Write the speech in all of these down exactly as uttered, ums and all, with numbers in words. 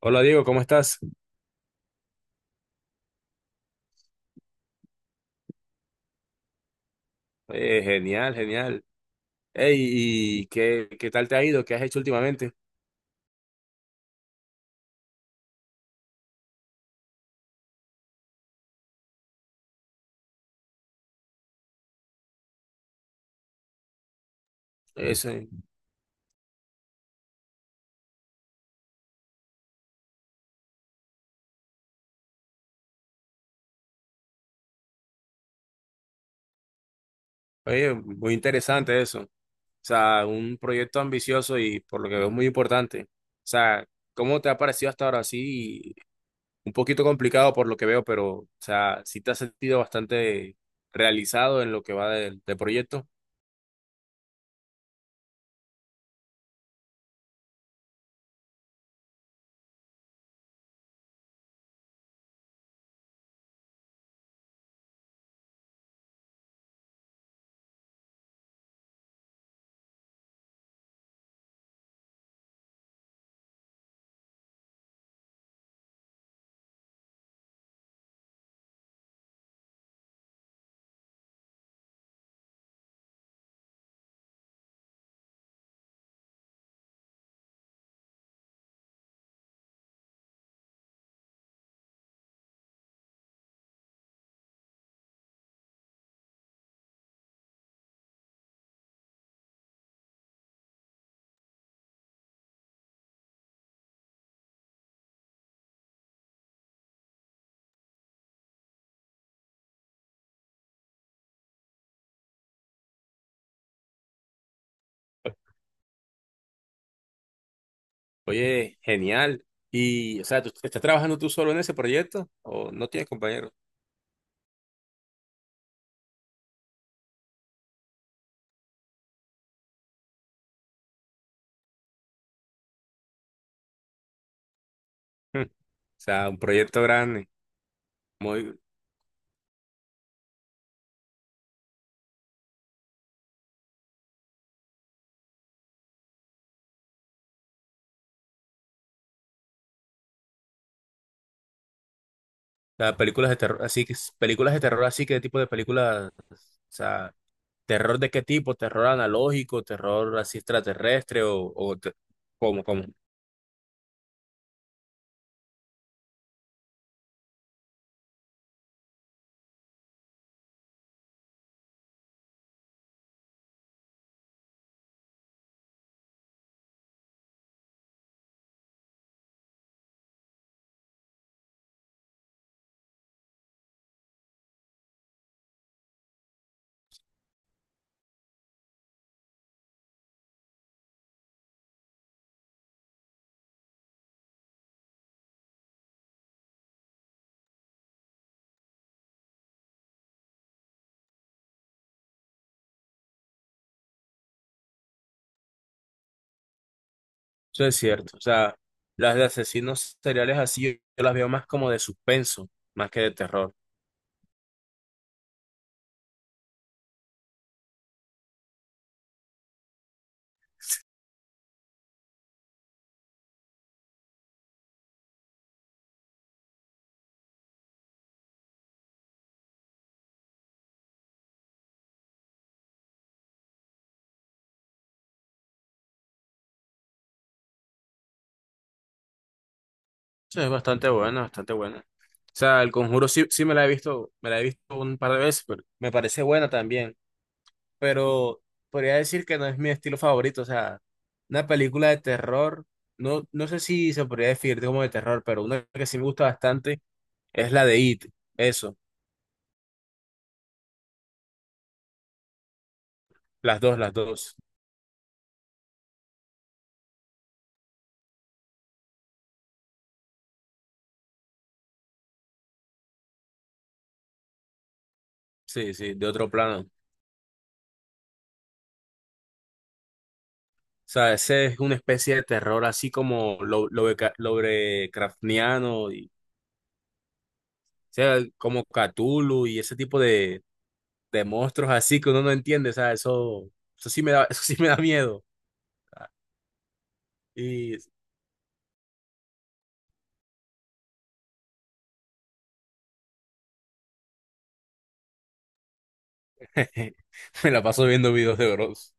Hola Diego, ¿cómo estás? Eh, genial, genial. Ey, ¿y qué, qué tal te ha ido? ¿Qué has hecho últimamente? Eso, oye, muy interesante eso. O sea, un proyecto ambicioso y por lo que veo muy importante. O sea, ¿cómo te ha parecido hasta ahora? Sí, un poquito complicado por lo que veo, pero, o sea, sí te has sentido bastante realizado en lo que va del, del proyecto. Oye, genial. Y, o sea, ¿tú estás trabajando tú solo en ese proyecto o no tienes compañeros? O sea, un proyecto grande. Muy. Las películas de terror, así que, películas de terror, así, que ¿qué tipo de películas? O sea, ¿terror de qué tipo? ¿Terror analógico? ¿Terror así extraterrestre? ¿O, o te- cómo, cómo? Eso es cierto. O sea, las de asesinos seriales así, yo, yo las veo más como de suspenso, más que de terror. Eso es bastante buena, bastante buena. O sea, El Conjuro sí, sí me la he visto, me la he visto un par de veces, pero me parece buena también. Pero podría decir que no es mi estilo favorito. O sea, una película de terror, no, no sé si se podría definir como de terror, pero una que sí me gusta bastante es la de It. Eso, las dos, las dos. Sí, sí, de otro plano. O sea, ese es una especie de terror así como lo- lobeca- Lovecraftiano, y, o sea, como Cthulhu y ese tipo de, de monstruos así que uno no entiende. O sea, eso, eso sí me da, eso sí me da miedo. Y me la paso viendo videos de bros.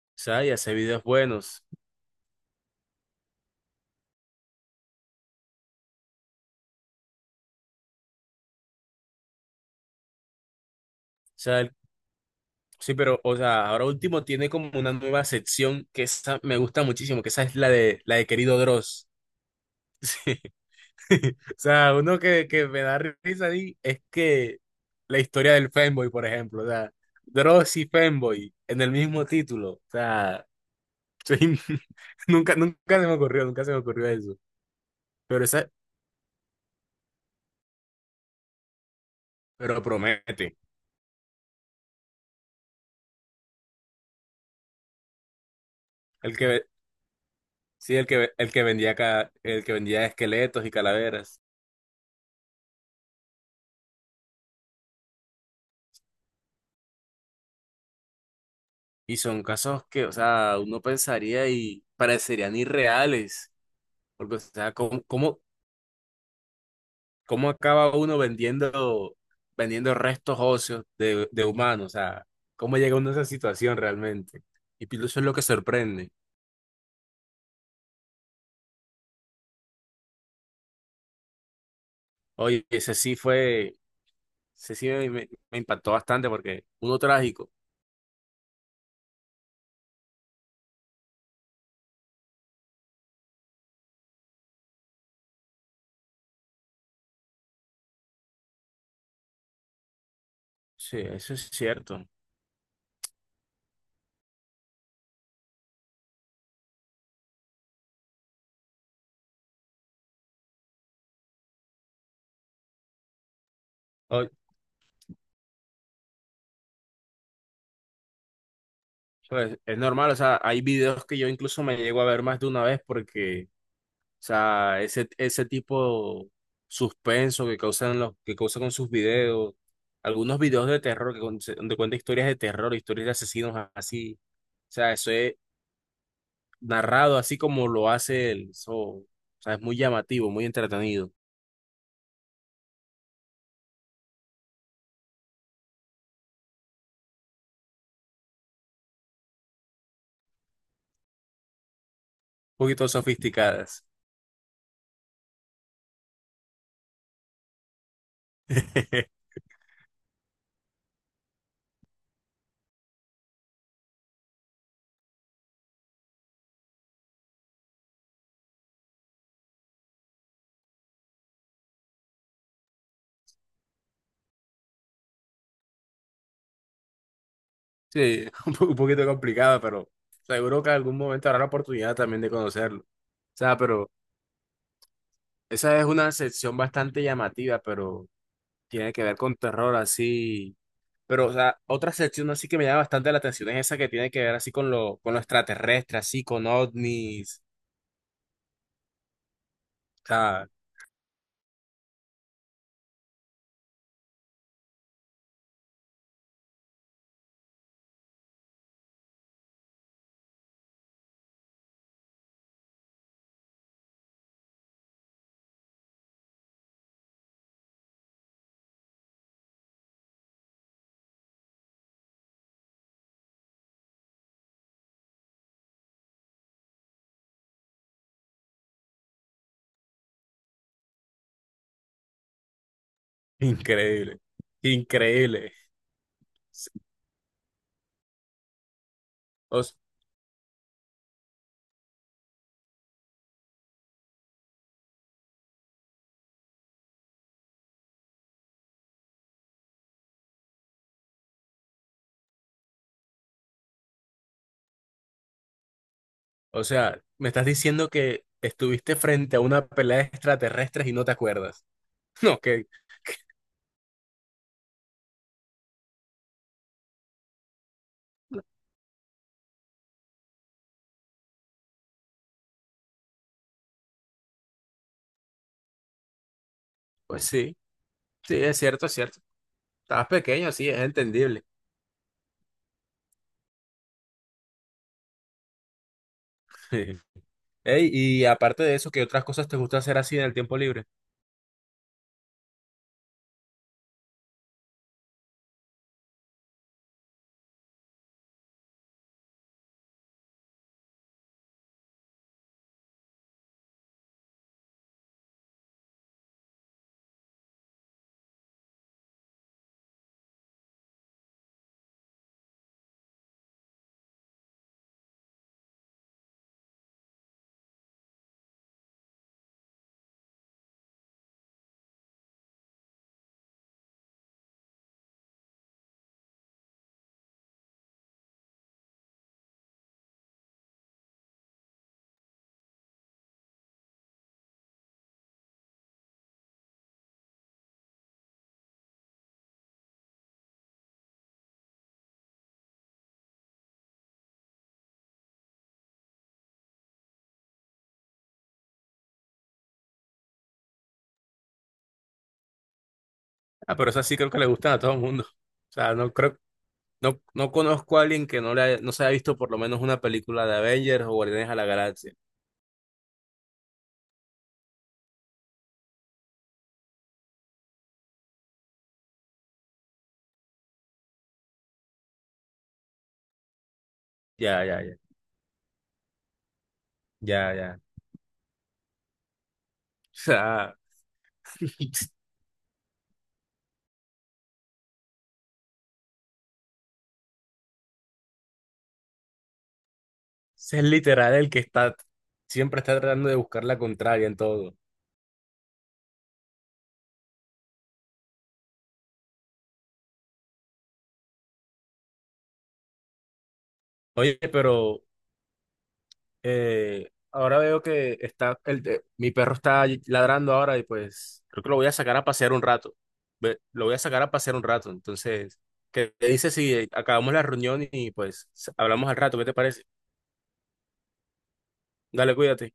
O sea, y hace videos buenos. O sea, el- sí, pero, o sea, ahora último tiene como una nueva sección que esa me gusta muchísimo, que esa es la de la de Querido Dross. Sí. O sea, uno que, que me da risa ahí es que la historia del Femboy, por ejemplo. O sea, Dross y Femboy en el mismo título. O sea, soy- nunca, nunca se me ocurrió, nunca se me ocurrió eso. Pero esa, pero promete. El que, ve- sí, el que, ve- el que vendía, ca- el que vendía esqueletos y calaveras. Y son casos que, o sea, uno pensaría y parecerían irreales, porque, o sea, ¿cómo, cómo, cómo acaba uno vendiendo, vendiendo restos óseos de, de humanos? O sea, ¿cómo llega uno a esa situación realmente? Y pues, eso es lo que sorprende. Oye, ese sí fue, ese sí me, me- me impactó bastante porque uno trágico. Sí, eso es cierto. Oye, pues es normal, o sea, hay videos que yo incluso me llego a ver más de una vez porque... O sea, ese, ese tipo suspenso que causan los, que causa con sus videos, algunos videos de terror que con- donde cuenta historias de terror, historias de asesinos a- así. O sea, eso es narrado así como lo hace él. Eso, o sea, es muy llamativo, muy entretenido. Un poquito sofisticadas. Sí, un po- un poquito complicada, pero seguro que algún momento habrá la oportunidad también de conocerlo. O sea, pero esa es una sección bastante llamativa, pero tiene que ver con terror así. Pero, o sea, otra sección así que me llama bastante la atención es esa que tiene que ver así con lo, con lo extraterrestre, así con ovnis. O sea, increíble, increíble. Sí, O, s- o sea, me estás diciendo que estuviste frente a una pelea de extraterrestres y no te acuerdas. No, que, pues sí, sí, es cierto, es cierto. Estabas pequeño, sí, es entendible. Ey, y aparte de eso, ¿qué otras cosas te gusta hacer así en el tiempo libre? Ah, pero esas sí creo que le gustan a todo el mundo. O sea, no creo. No, no conozco a alguien que no, le haya- no se haya visto por lo menos una película de Avengers o Guardianes a la Galaxia. Ya, ya, ya, ya, ya. O sea, ese es literal el que está, siempre está tratando de buscar la contraria en todo. Oye, pero eh, ahora veo que está, el, de- mi perro está ladrando ahora y pues creo que lo voy a sacar a pasear un rato. Ve, lo voy a sacar a pasear un rato. Entonces, ¿qué te dices si acabamos la reunión y pues hablamos al rato? ¿Qué te parece? Dale, cuídate.